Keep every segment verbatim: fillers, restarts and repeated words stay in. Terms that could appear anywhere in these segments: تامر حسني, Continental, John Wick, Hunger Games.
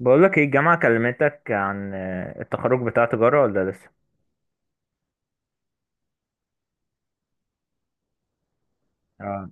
بقولك ايه الجامعة كلمتك عن آه، التخرج بتاع تجارة ولا لسه؟ اه،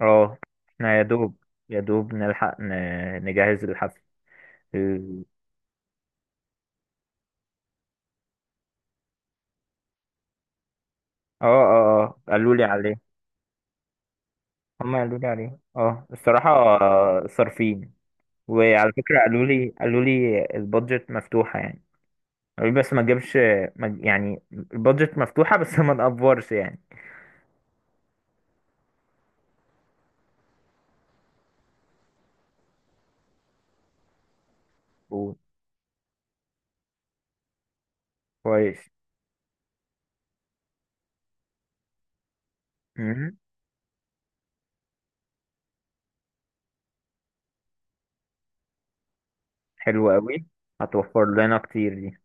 اه، احنا يا دوب يا دوب نلحق ن- نجهز الحفل. ال- اه، اه، اه، قالوا لي عليه. هما قالوا لي عليه، اه الصراحة، آه، صارفين. وعلى فكرة قالوا لي قالوا لي البادجت مفتوحة يعني. قالوا لي بس ما تجيبش، ما تج- يعني البادجت مفتوحة بس ما نقفرش يعني. و- كويس. مم، حلو قوي، هتوفر لنا كتير دي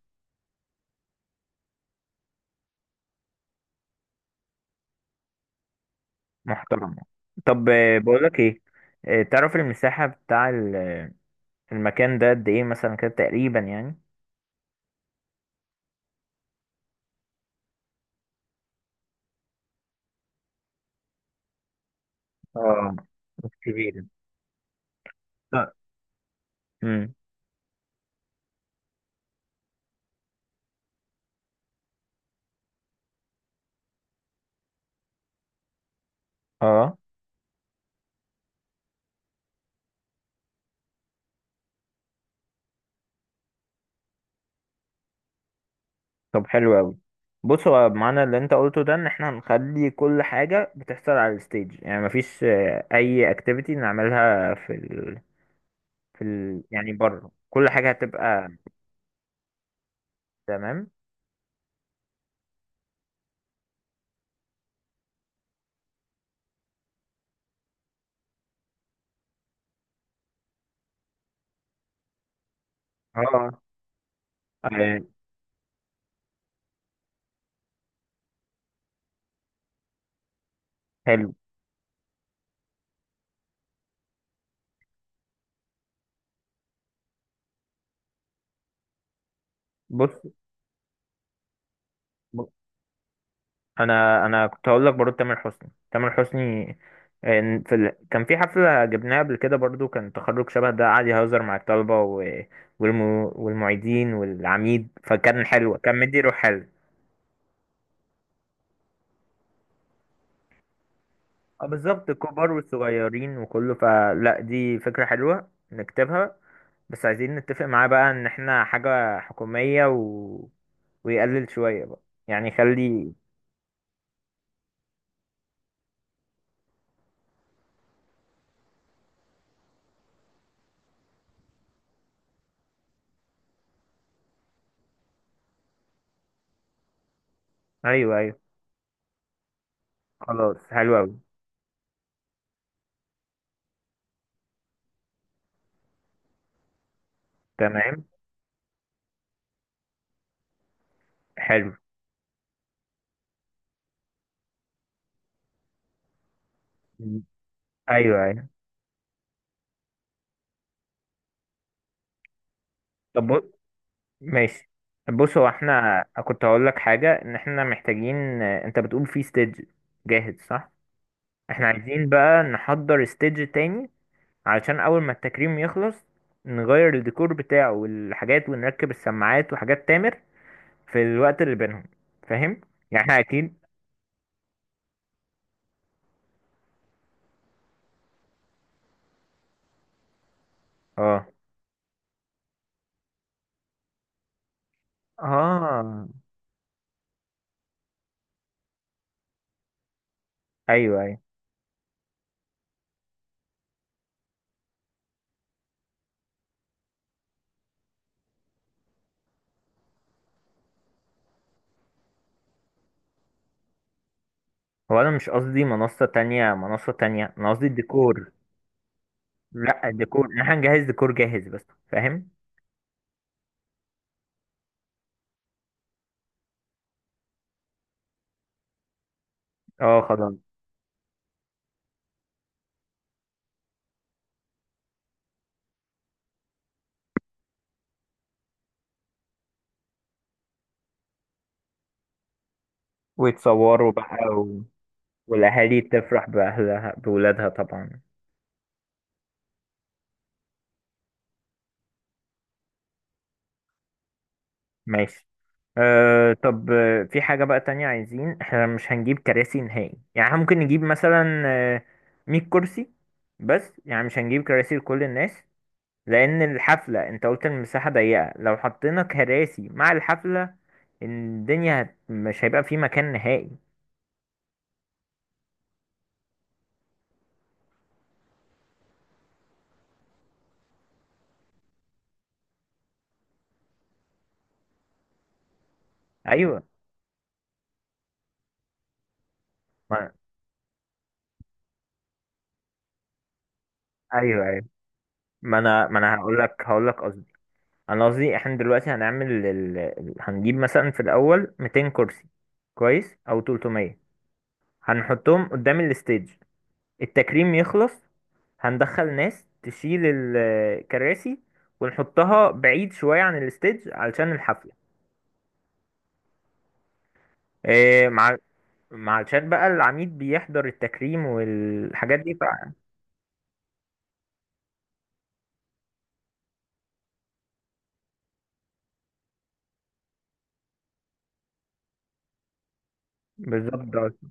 محترمة. طب آه، بقولك ايه، آه، تعرف المساحة بتاع ال- آه، المكان ده قد ايه مثلا كده تقريبا يعني. اه، مش كبيرة. لا. امم اه طب حلو اوي. بص، هو معنى اللي انت قلته ده ان احنا هنخلي كل حاجة بتحصل على الستيج، يعني مفيش آه، اي اكتيفيتي نعملها في ال... في ال... يعني بره كل حاجة هتبقى. تمام. اه. آه، حلو. بص، انا انا كنت هقول لك برضه تامر حسني، تامر حسني آه، في ال... كان في حفله جبناها قبل كده برضه كان تخرج شبه ده، قعد يهزر مع الطلبه و... والم... والمعيدين والعميد، فكان حلوه، كان مدي روح حلو. اه بالظبط الكبار والصغيرين وكله، فلا دي فكره حلوه نكتبها. بس عايزين نتفق معاه بقى ان احنا حاجه حكوميه، و... ويقلل شويه بقى، يعني يخلي. ايوه، ايوه. خلاص حلو قوي. تمام. حلو. ايوه، ايوه. طب. ماشي. بص، هو احنا كنت هقول لك حاجة ان احنا محتاجين. انت بتقول في ستيج جاهز صح؟ احنا عايزين بقى نحضر ستيج تاني علشان اول ما التكريم يخلص نغير الديكور بتاعه والحاجات، ونركب السماعات وحاجات تامر في الوقت اللي بينهم. فاهم؟ يعني احنا اكيد. اه، اه، ايوه، ايوه. هو انا مش قصدي منصة تانية، منصة تانية انا قصدي الديكور. لا الديكور ان احنا نجهز ديكور جاهز بس. فاهم؟ اه خلاص. ويتصوروا بقى. والأهالي تفرح بأهلها بولادها طبعا. ماشي. أه طب آه، في حاجة بقى تانية عايزين، احنا مش هنجيب كراسي نهائي، يعني احنا ممكن نجيب مثلا آه، مية كرسي، بس يعني مش هنجيب كراسي لكل الناس، لأن الحفلة انت قلت المساحة ضيقة، لو حطينا كراسي مع الحفلة الدنيا هت... مش هيبقى في مكان نهائي. أيوة. ما... أيوه، أيوه. ما أنا ما أنا هقول لك هقول لك انا قصدي احنا دلوقتي هنعمل ال... ال- هنجيب مثلا في الاول ميتين كرسي، كويس، او تلتمية. هنحطهم قدام الستيج، التكريم يخلص هندخل ناس تشيل الكراسي ونحطها بعيد شوية عن الستيج علشان الحفلة. إيه؟ مع، مع علشان بقى العميد بيحضر التكريم والحاجات دي ف... بالظبط ده قصدي.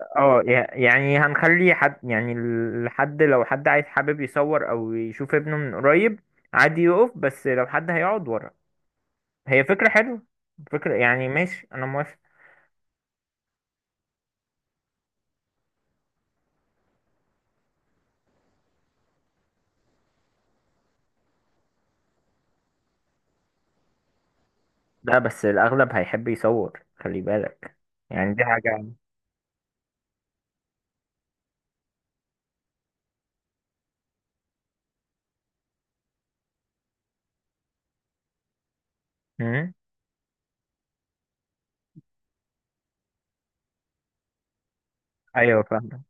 اه يع- يعني هنخلي حد، يعني الحد لو حد عايز حابب يصور او يشوف ابنه من قريب عادي يقف، بس لو حد هيقعد ورا. هي فكرة حلوة. فكرة يعني ماشي، انا موافق. ده بس الاغلب هيحب يصور، خلي بالك. يعني دي حاجة. امم ايوه فاهم.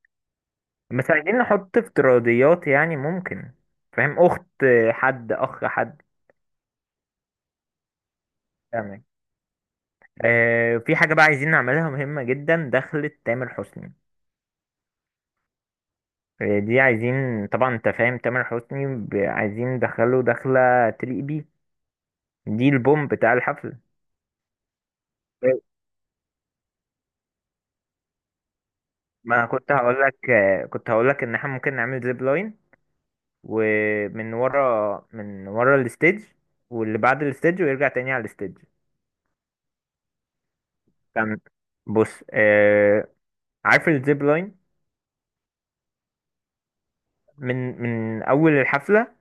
بس عايزين نحط افتراضيات، يعني ممكن. فاهم؟ اخت حد، اخ حد. تمام. آه في حاجة بقى عايزين نعملها مهمة جدا، دخلة تامر حسني. هي دي عايزين طبعا، انت فاهم، تامر حسني ب- عايزين ندخله دخلة تليق بيه، دي البوم بتاع الحفل. ما انا كنت هقول لك كنت هقول لك ان احنا ممكن نعمل زيب لاين، ومن ورا، من ورا الستيج واللي بعد الستيج ويرجع تاني على الستيج. كان بص آه عارف الزيب لاين، من من اول الحفلة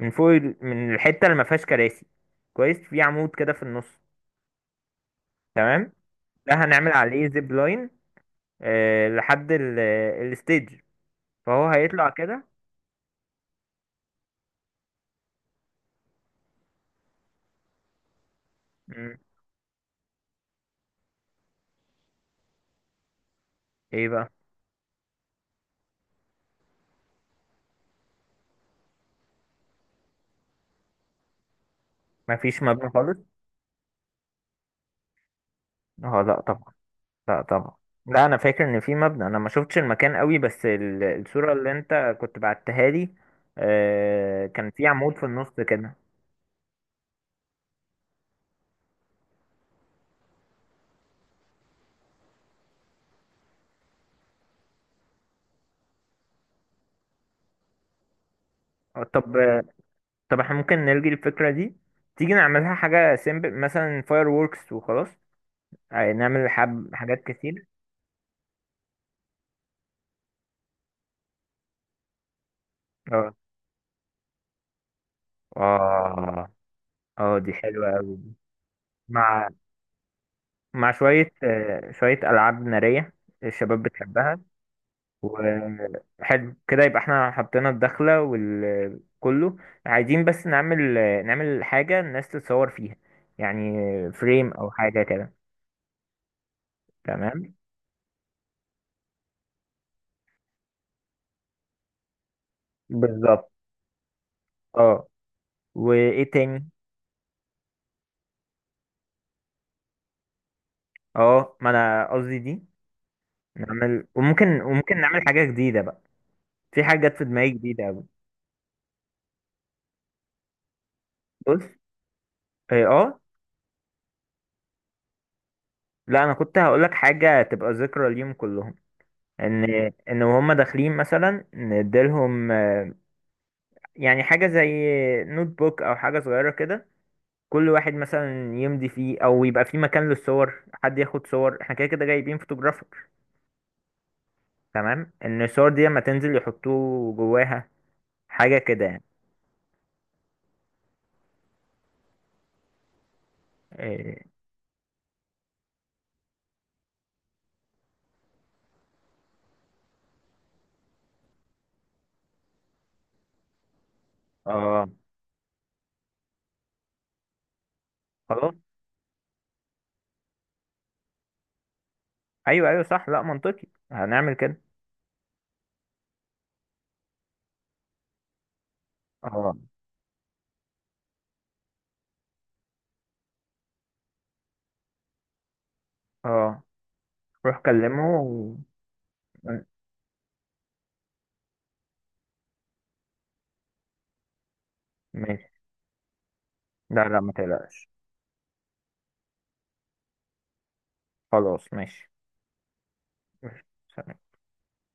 من فوق ال- من الحتة اللي ما فيهاش كراسي، كويس، في عمود كده في النص. تمام، ده هنعمل عليه زيب لاين آه، لحد ال- الستيج، فهو هيطلع كده. مم. ايه بقى؟ مفيش مبنى خالص. اه لا طبعا. لا طبعا. لا انا فاكر ان في مبنى، انا ما شفتش المكان قوي بس ال- الصورة اللي انت كنت بعتها لي آه، كان في عمود في النص كده. آه، طب، طب احنا ممكن نلغي الفكرة دي، تيجي نعملها حاجة سيمبل مثلا فاير ووركس وخلاص. آه، نعمل حب حاجات كتير. اه، اه، اه دي حلوة قوي. مع، مع شوية آه، شوية ألعاب نارية، الشباب بتحبها. وحلو كده، يبقى احنا حطينا الدخلة وكله. عايزين بس نعمل، نعمل حاجة الناس تتصور فيها، يعني فريم أو حاجة كده. تمام بالظبط. اه. وإيه تاني؟ اه ما أنا قصدي دي. نعمل، وممكن وممكن نعمل حاجة جديدة بقى. في حاجة جت في دماغي جديدة أوي. بص. اه. آه، لا أنا كنت هقولك حاجة تبقى ذكرى ليهم كلهم، ان ان وهم داخلين مثلا نديلهم آه، يعني حاجه زي نوت بوك او حاجه صغيره كده، كل واحد مثلا يمضي فيه او يبقى فيه مكان للصور، حد ياخد صور احنا كده كده جايبين فوتوغرافر. تمام ان الصور دي لما تنزل يحطوه جواها، حاجه كده يعني. إيه. اه خلاص. ايوه، ايوه صح، لا منطقي هنعمل كده. اه، اه روح كلمه و... ماشي، لا، لا ما تقلقش. خلاص ماشي. ماشي.